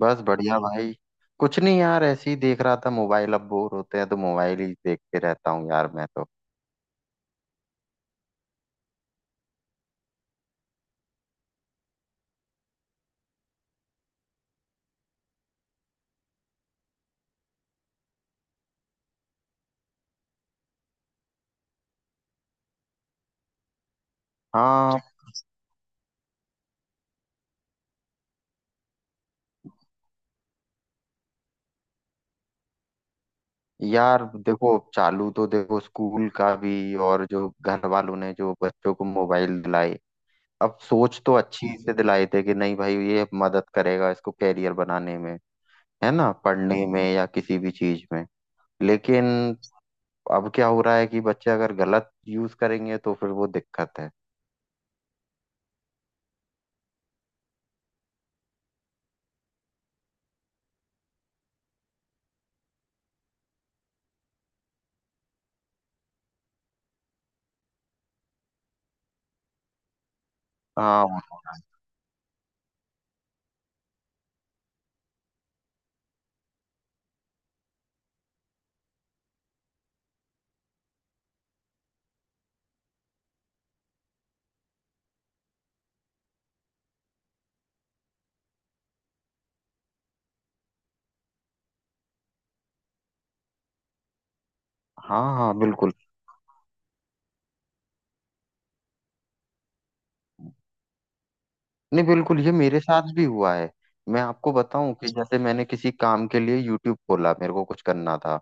बस बढ़िया भाई। कुछ नहीं यार, ऐसे ही देख रहा था मोबाइल। अब बोर होते हैं तो मोबाइल ही देखते रहता हूँ यार मैं तो। हाँ, यार देखो। चालू तो देखो स्कूल का भी, और जो घर वालों ने जो बच्चों को मोबाइल दिलाए। अब सोच तो अच्छी से दिलाए थे कि नहीं भाई, ये मदद करेगा इसको कैरियर बनाने में। है ना, पढ़ने में या किसी भी चीज में। लेकिन अब क्या हो रहा है कि बच्चे अगर गलत यूज करेंगे तो फिर वो दिक्कत है। हाँ। हाँ हाँ बिल्कुल। नहीं बिल्कुल, ये मेरे साथ भी हुआ है। मैं आपको बताऊं कि जैसे मैंने किसी काम के लिए यूट्यूब खोला, मेरे को कुछ करना था।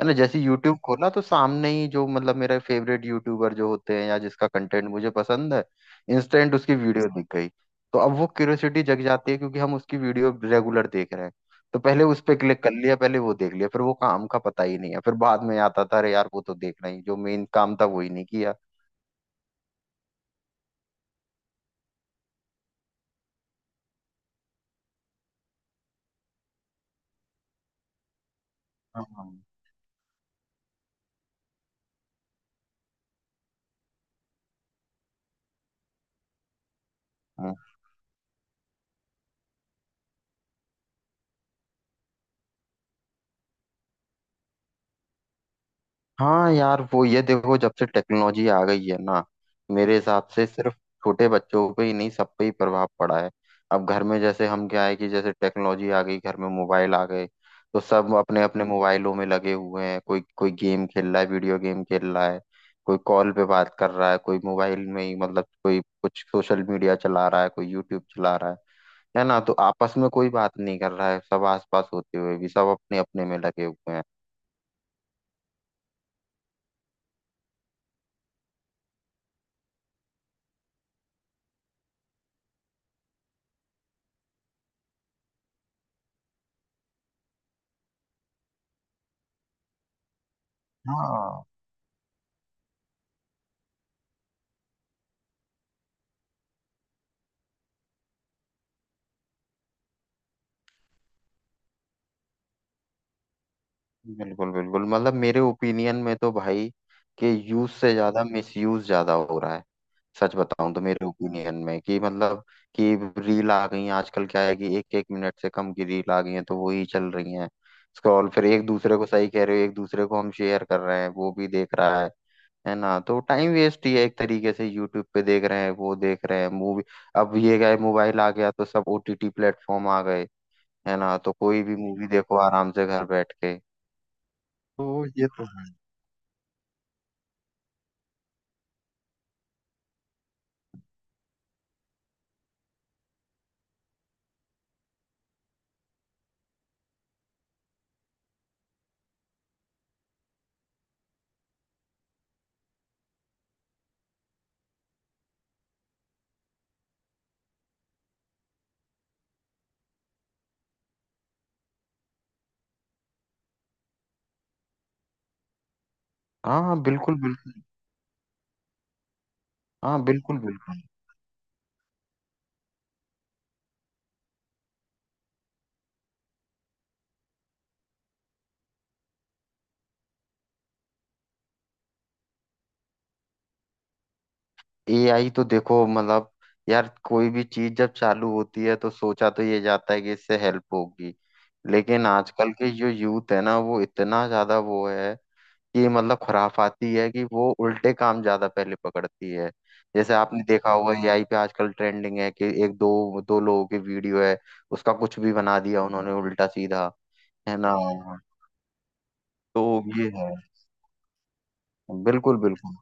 है ना, जैसे यूट्यूब खोला तो सामने ही जो मतलब मेरा फेवरेट यूट्यूबर जो होते हैं या जिसका कंटेंट मुझे पसंद है, इंस्टेंट उसकी वीडियो दिख गई। तो अब वो क्यूरियोसिटी जग जाती है क्योंकि हम उसकी वीडियो रेगुलर देख रहे हैं। तो पहले उस पे क्लिक कर लिया, पहले वो देख लिया, फिर वो काम का पता ही नहीं है। फिर बाद में आता था, अरे यार, वो तो देखना ही जो मेन काम था वो ही नहीं किया। हाँ। हाँ यार, वो ये देखो, जब से टेक्नोलॉजी आ गई है ना, मेरे हिसाब से सिर्फ छोटे बच्चों पे ही नहीं, सब पे ही प्रभाव पड़ा है। अब घर में जैसे, हम क्या है कि जैसे टेक्नोलॉजी आ गई घर में, मोबाइल आ गए। तो सब अपने अपने मोबाइलों में लगे हुए हैं। कोई कोई गेम खेल रहा है, वीडियो गेम खेल रहा है। कोई कॉल पे बात कर रहा है, कोई मोबाइल में ही मतलब कोई कुछ सोशल मीडिया चला रहा है, कोई यूट्यूब चला रहा है। है ना, तो आपस में कोई बात नहीं कर रहा है, सब आसपास होते हुए भी सब अपने अपने में लगे हुए हैं। हाँ बिल्कुल बिल्कुल। मतलब मेरे ओपिनियन में तो भाई, कि यूज से ज्यादा मिसयूज ज्यादा हो रहा है। सच बताऊं तो मेरे ओपिनियन में, कि मतलब कि रील आ गई हैं आजकल, क्या है कि एक एक मिनट से कम की रील आ गई हैं तो वही चल रही हैं। स्क्रॉल, फिर एक दूसरे को सही कह रहे हो, एक दूसरे को हम शेयर कर रहे हैं, वो भी देख रहा है। है ना, तो टाइम वेस्ट ही है एक तरीके से। यूट्यूब पे देख रहे हैं, वो देख रहे हैं मूवी। अब ये गए, मोबाइल आ गया तो सब ओटीटी प्लेटफॉर्म आ गए। है ना, तो कोई भी मूवी देखो आराम से घर बैठ के। तो ये तो है। हाँ हाँ बिल्कुल बिल्कुल। हाँ बिल्कुल बिल्कुल। एआई तो देखो मतलब, यार कोई भी चीज जब चालू होती है तो सोचा तो ये जाता है कि इससे हेल्प होगी। लेकिन आजकल के जो यूथ है ना, वो इतना ज्यादा वो है कि मतलब खुराफाती है, कि वो उल्टे काम ज्यादा पहले पकड़ती है। जैसे आपने देखा होगा एआई पे आजकल ट्रेंडिंग है कि एक दो दो लोगों की वीडियो है, उसका कुछ भी बना दिया उन्होंने उल्टा सीधा। है ना, तो ये है। बिल्कुल बिल्कुल।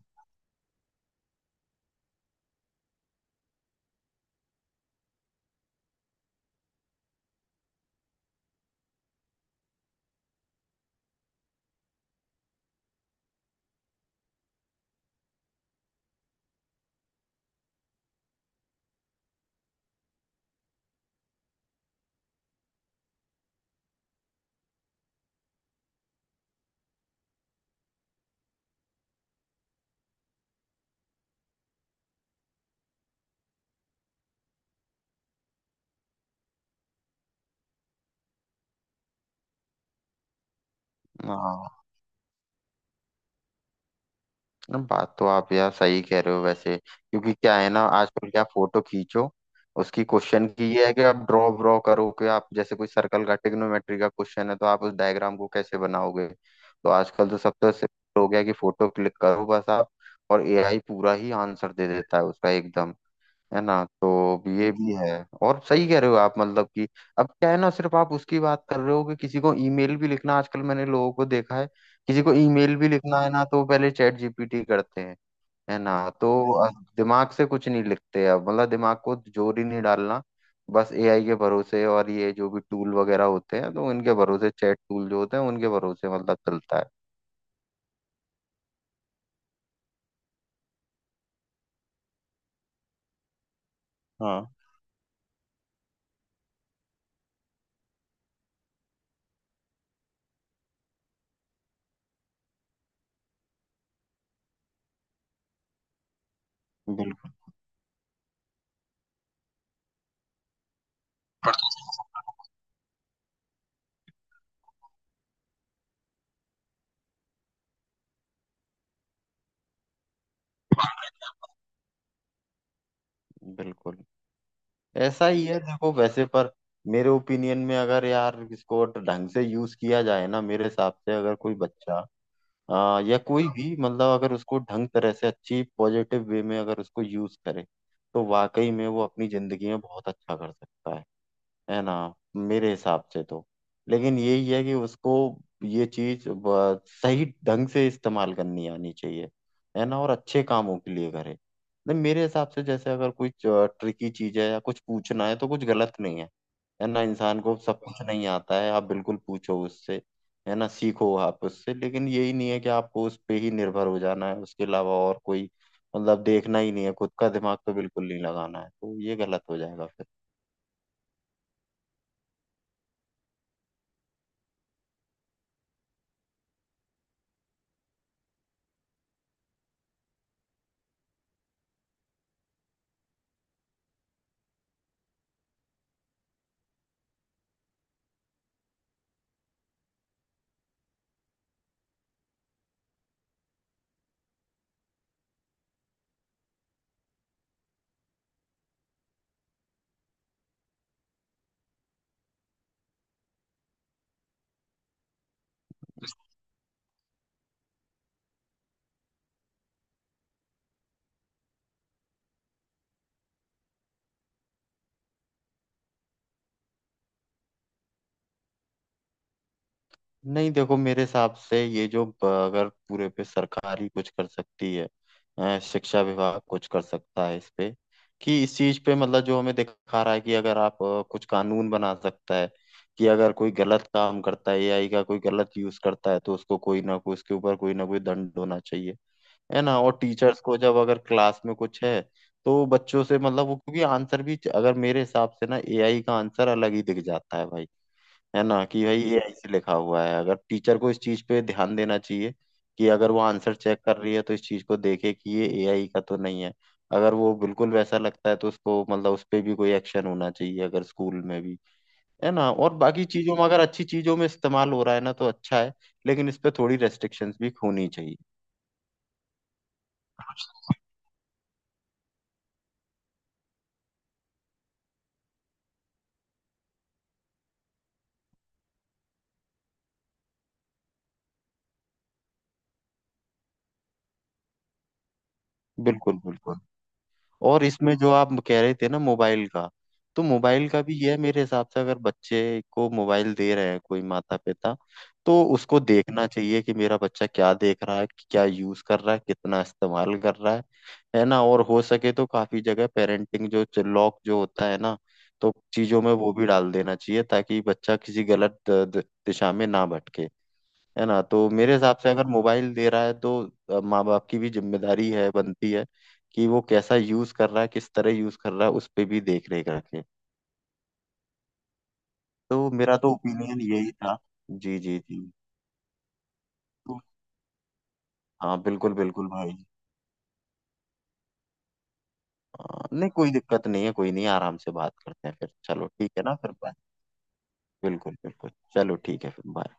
हाँ। नहीं, बात तो आप यार सही कह रहे हो वैसे, क्योंकि क्या है ना आजकल, क्या फोटो खींचो। उसकी क्वेश्चन की ये है कि आप ड्रॉ ड्रॉ करो, कि आप जैसे कोई सर्कल का, ट्रिग्नोमेट्री का क्वेश्चन है तो आप उस डायग्राम को कैसे बनाओगे। तो आजकल तो सब तो सिर्फ हो गया कि फोटो क्लिक करो बस आप, और एआई पूरा ही आंसर दे देता है उसका एकदम। है ना, तो ये भी है। और सही कह रहे हो आप, मतलब कि अब क्या है ना, सिर्फ आप उसकी बात कर रहे हो कि किसी को ईमेल भी लिखना, आजकल मैंने लोगों को देखा है। किसी को ईमेल भी लिखना है ना, तो वो पहले चैट जीपीटी करते हैं। है ना। तो अब दिमाग से कुछ नहीं लिखते, अब मतलब दिमाग को जोर ही नहीं डालना, बस एआई के भरोसे। और ये जो भी टूल वगैरह होते हैं तो उनके भरोसे, चैट टूल जो होते हैं उनके भरोसे मतलब चलता है। हाँ बिल्कुल बिल्कुल। ऐसा ही है देखो वैसे। पर मेरे ओपिनियन में अगर यार इसको ढंग से यूज किया जाए ना, मेरे हिसाब से अगर कोई बच्चा या कोई भी, मतलब अगर उसको ढंग तरह से अच्छी पॉजिटिव वे में अगर उसको यूज करे, तो वाकई में वो अपनी जिंदगी में बहुत अच्छा कर सकता है। है ना, मेरे हिसाब से तो। लेकिन यही है कि उसको ये चीज सही ढंग से इस्तेमाल करनी आनी चाहिए। है ना, और अच्छे कामों के लिए करे। नहीं मेरे हिसाब से जैसे अगर कोई ट्रिकी चीज है या कुछ पूछना है तो कुछ गलत नहीं है। है ना, इंसान को सब कुछ नहीं आता है, आप बिल्कुल पूछो उससे। है ना, सीखो आप उससे। लेकिन यही नहीं है कि आपको उस पे ही निर्भर हो जाना है, उसके अलावा और कोई मतलब देखना ही नहीं है, खुद का दिमाग तो बिल्कुल नहीं लगाना है, तो ये गलत हो जाएगा फिर। नहीं देखो, मेरे हिसाब से ये जो अगर पूरे पे सरकार ही कुछ कर सकती है, शिक्षा विभाग कुछ कर सकता है इस पे। कि इस चीज पे मतलब जो हमें दिखा रहा है कि अगर आप कुछ कानून बना सकता है कि अगर कोई गलत काम करता है एआई का, कोई गलत यूज करता है, तो उसको कोई ना कोई, उसके ऊपर कोई ना कोई दंड होना चाहिए। है ना, और टीचर्स को जब अगर क्लास में कुछ है तो बच्चों से मतलब वो, क्योंकि आंसर भी अगर मेरे हिसाब से ना, एआई का आंसर अलग ही दिख जाता है भाई। है ना, कि भाई ये ऐसे लिखा हुआ है। अगर टीचर को इस चीज पे ध्यान देना चाहिए कि अगर वो आंसर चेक कर रही है तो इस चीज को देखे कि ये एआई का तो नहीं है। अगर वो बिल्कुल वैसा लगता है, तो उसको मतलब उस पे भी कोई एक्शन होना चाहिए, अगर स्कूल में भी। है ना, और बाकी चीजों में अगर अच्छी चीजों में इस्तेमाल हो रहा है ना, तो अच्छा है। लेकिन इस पे थोड़ी रेस्ट्रिक्शंस भी होनी चाहिए। बिल्कुल बिल्कुल। और इसमें जो आप कह रहे थे ना, मोबाइल का, तो मोबाइल का भी यह मेरे हिसाब से, अगर बच्चे को मोबाइल दे रहे हैं कोई माता पिता, तो उसको देखना चाहिए कि मेरा बच्चा क्या देख रहा है, क्या यूज कर रहा है, कितना इस्तेमाल कर रहा है। है ना, और हो सके तो काफी जगह पेरेंटिंग जो लॉक जो होता है ना, तो चीजों में वो भी डाल देना चाहिए ताकि बच्चा किसी गलत दिशा में ना भटके। है ना, तो मेरे हिसाब से अगर मोबाइल दे रहा है, तो माँ बाप की भी जिम्मेदारी है, बनती है कि वो कैसा यूज कर रहा है, किस तरह यूज कर रहा है, उस पे भी देख रेख रखे। तो मेरा तो ओपिनियन यही था। जी जी जी। तो हाँ बिल्कुल बिल्कुल भाई। हाँ, नहीं कोई दिक्कत नहीं है, कोई नहीं, आराम से बात करते हैं फिर। चलो ठीक है ना फिर, बाय। बिल्कुल बिल्कुल, चलो ठीक है फिर, बाय।